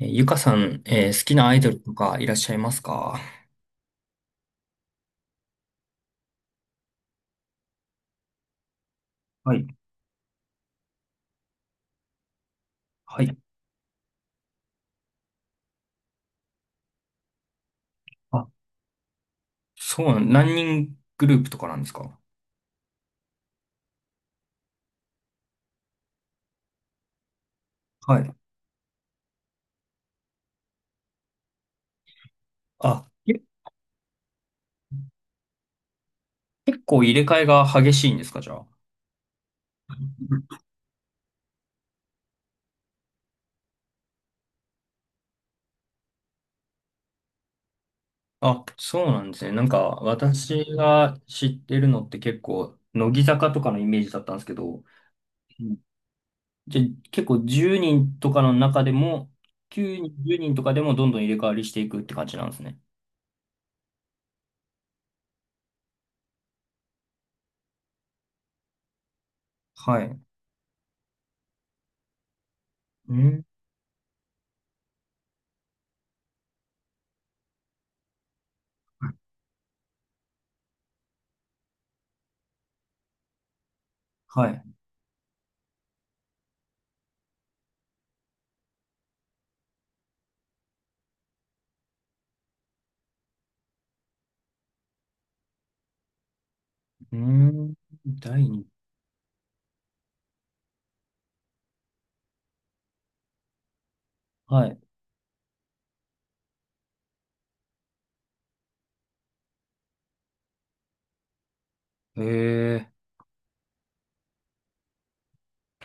ゆかさん、好きなアイドルとかいらっしゃいますか？はい、はい。あ、そうなん、何人グループとかなんですか？はい。あ、結構入れ替えが激しいんですか、じゃあ。あ、そうなんですね。なんか、私が知ってるのって結構、乃木坂とかのイメージだったんですけど、うん。じゃ、結構10人とかの中でも、9人、10人とかでもどんどん入れ替わりしていくって感じなんですね。はい。うん。はい。うん。第二。はい。へえ。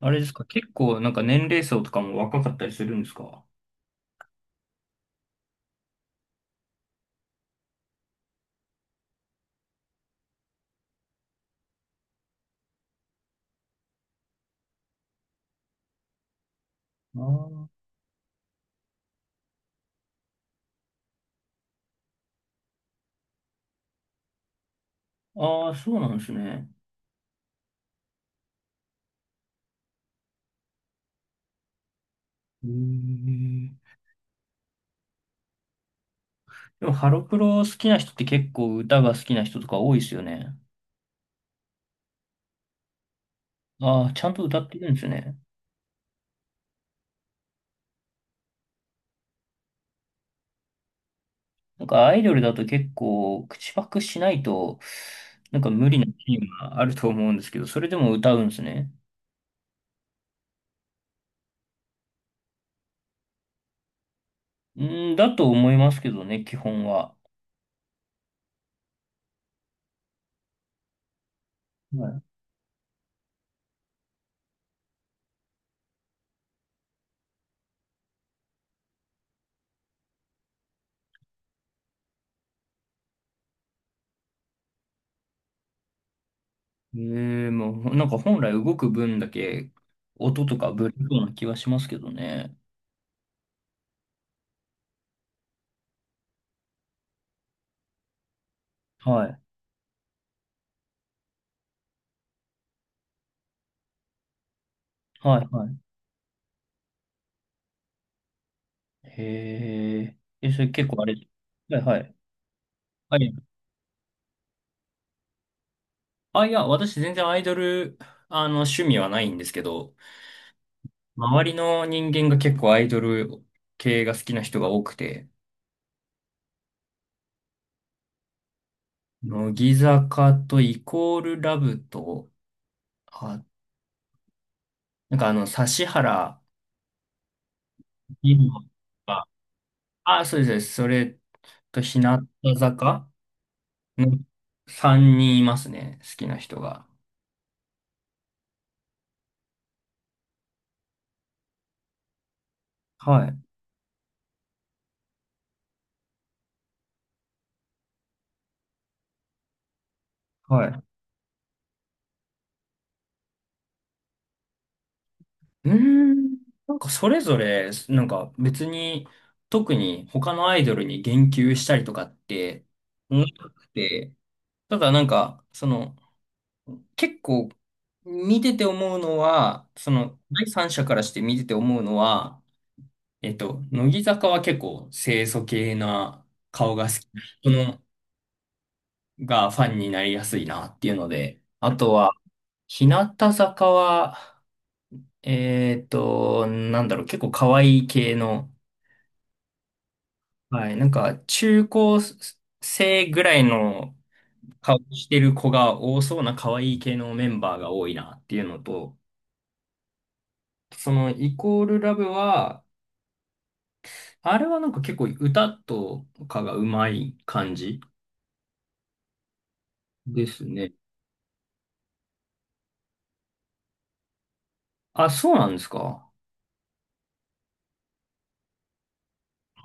あれですか？結構なんか年齢層とかも若かったりするんですか？ああ、あーあーそうなんですね。へえ。でもハロプロ好きな人って結構歌が好きな人とか多いですよね。ああ、ちゃんと歌ってるんですね。なんかアイドルだと結構口パクしないとなんか無理なシーンがあると思うんですけど、それでも歌うんですね。うーん、だと思いますけどね、基本は。はい。ええもうなんか本来動く分だけ音とかぶれそうな気はしますけどね。はい。はい、はい。へえ。え、それ結構あれ。はい、はい。はい。あ、いや、私全然アイドル、趣味はないんですけど、周りの人間が結構アイドル系が好きな人が多くて、乃木坂とイコールラブと、あ、なんか指原莉乃が、あ、そうです、そうですそれと日向坂の3人いますね、好きな人が。はい、はい。うーん。なんかそれぞれ、なんか別に特に他のアイドルに言及したりとかって思わなくて、ただなんか、結構見てて思うのは、その第三者からして見てて思うのは、乃木坂は結構清楚系な顔が好きな人のがファンになりやすいなっていうので、あとは日向坂は、なんだろう、結構可愛い系のはい。なんか、中高生ぐらいの顔してる子が多そうな可愛い系のメンバーが多いなっていうのと、そのイコールラブは、あれはなんか結構歌とかがうまい感じですね。あ、そうなんですか。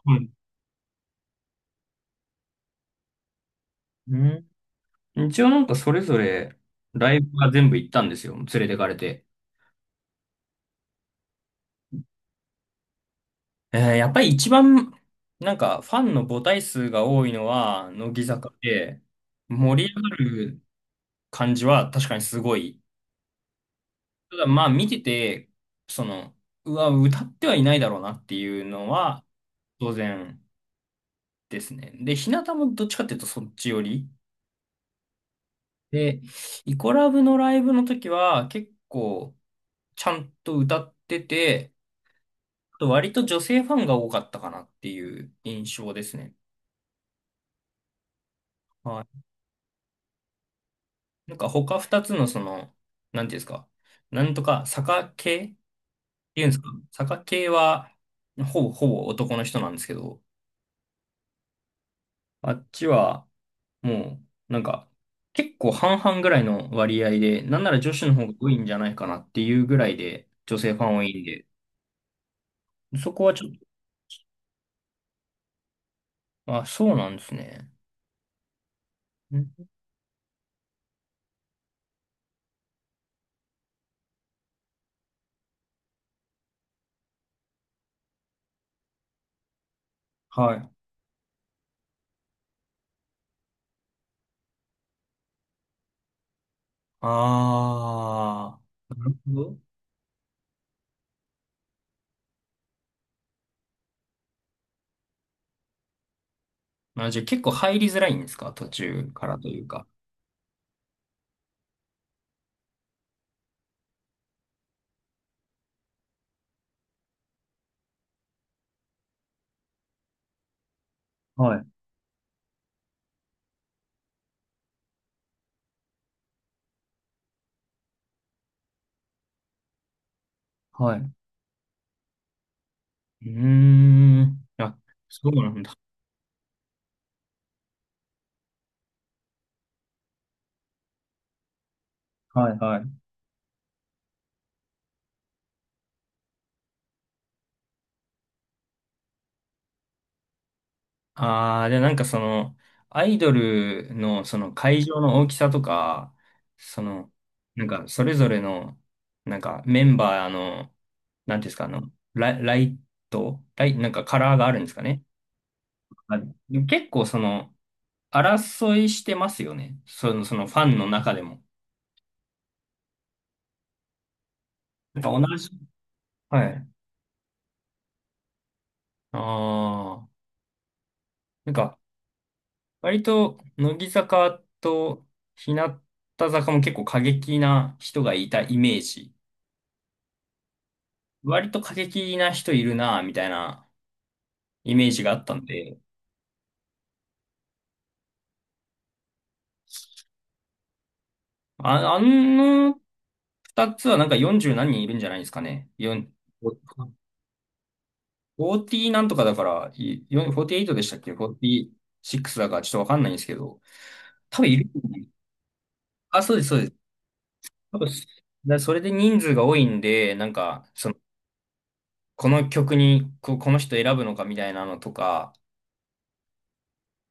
はい。うん。一応なんかそれぞれライブは全部行ったんですよ。連れてかれて。やっぱり一番なんかファンの母体数が多いのは乃木坂で、盛り上がる感じは確かにすごい。ただまあ見てて、その、うわ、歌ってはいないだろうなっていうのは当然ですね。で、日向もどっちかっていうとそっち寄り。で、イコラブのライブの時は結構ちゃんと歌ってて、あと割と女性ファンが多かったかなっていう印象ですね。はい。なんか他二つのなんていうんですか、なんとか坂系っていうんですか、坂系はほぼほぼ男の人なんですけど、あっちは、もう、なんか、結構半々ぐらいの割合で、なんなら女子の方が多いんじゃないかなっていうぐらいで、女性ファン多いんで、そこはちょっと、あ、そうなんですね。んはい。あー。あ、じゃあ結構入りづらいんですか？途中からというか。はい。はい。うーん。あ、そうなんだ。はいはい。ああ、で、なんかアイドルのその会場の大きさとか、その、なんかそれぞれの、なんかメンバーの、なんていうんですか、あの、ライ、ライト、ライ、なんかカラーがあるんですかね。あ、結構争いしてますよね。そのファンの中でも。なんか同じ。はい。ああ、なんか、割と、乃木坂と日向坂も結構過激な人がいたイメージ。割と過激な人いるな、みたいなイメージがあったんで、あ、あの二つはなんか40何人いるんじゃないですかね。4、ごフォーティ0なんとかだから、いよん48でしたっけ ?46 だからちょっとわかんないんですけど、多分いる。あ、そうです、そうです。多分だそれで人数が多いんで、なんか、この曲にこの人選ぶのかみたいなのとか、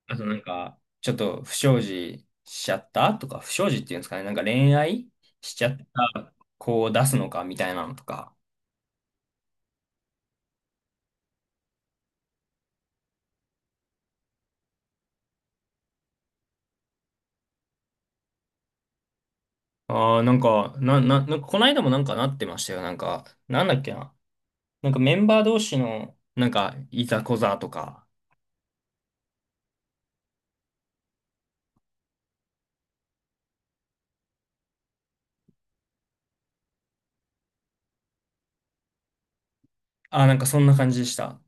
あとなんか、ちょっと不祥事しちゃったとか、不祥事っていうんですかね、なんか恋愛しちゃった子を出すのかみたいなのとか。ああ、なんか、なんかこの間もなんかなってましたよ。なんか、なんだっけな。なんかメンバー同士の、なんか、いざこざとか。ああ、なんかそんな感じでした。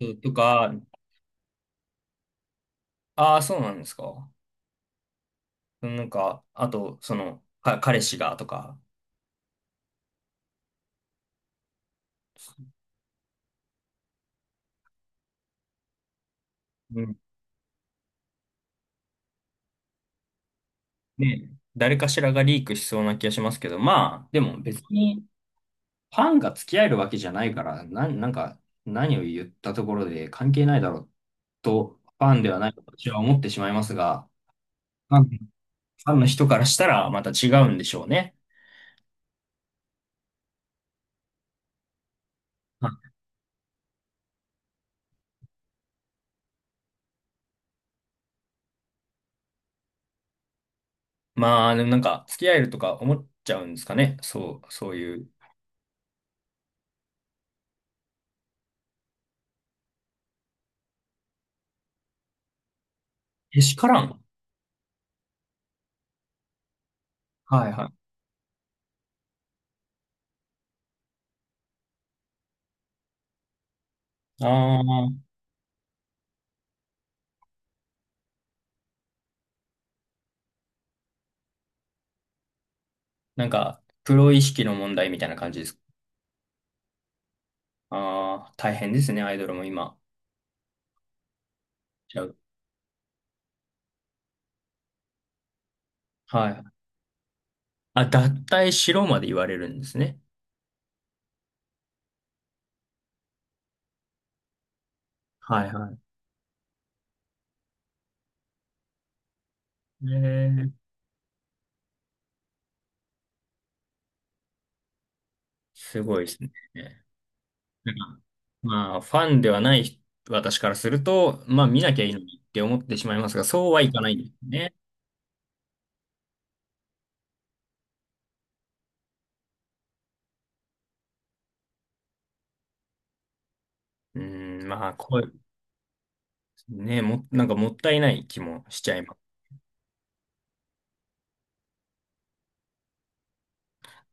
うんとか、ああ、そうなんですか。なんか、あと、彼氏がとか。うん。ね、誰かしらがリークしそうな気がしますけど、まあ、でも別に、ファンが付き合えるわけじゃないから、なんか、何を言ったところで関係ないだろうと、ファンではないと私は思ってしまいますが、ファンの人からしたらまた違うんでしょうね。はい。まあ、でもなんか、付き合えるとか思っちゃうんですかね。そういう。けしからん。はいはい。ああ、なんか、プロ意識の問題みたいな感じです。ああ、大変ですね、アイドルも今。ちゃうはい。あ、脱退しろまで言われるんですね。はいはい。へえ。すごいですね。なんかまあ、ファンではない人私からすると、まあ、見なきゃいいのにって思ってしまいますが、そうはいかないんですね。うん、まあ、ね、なんかもったいない気もしちゃいます。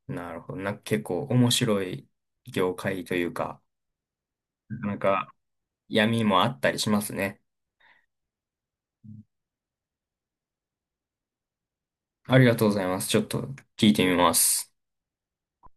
なるほど。なんか結構面白い業界というか、なかなか闇もあったりしますね。ありがとうございます。ちょっと聞いてみます。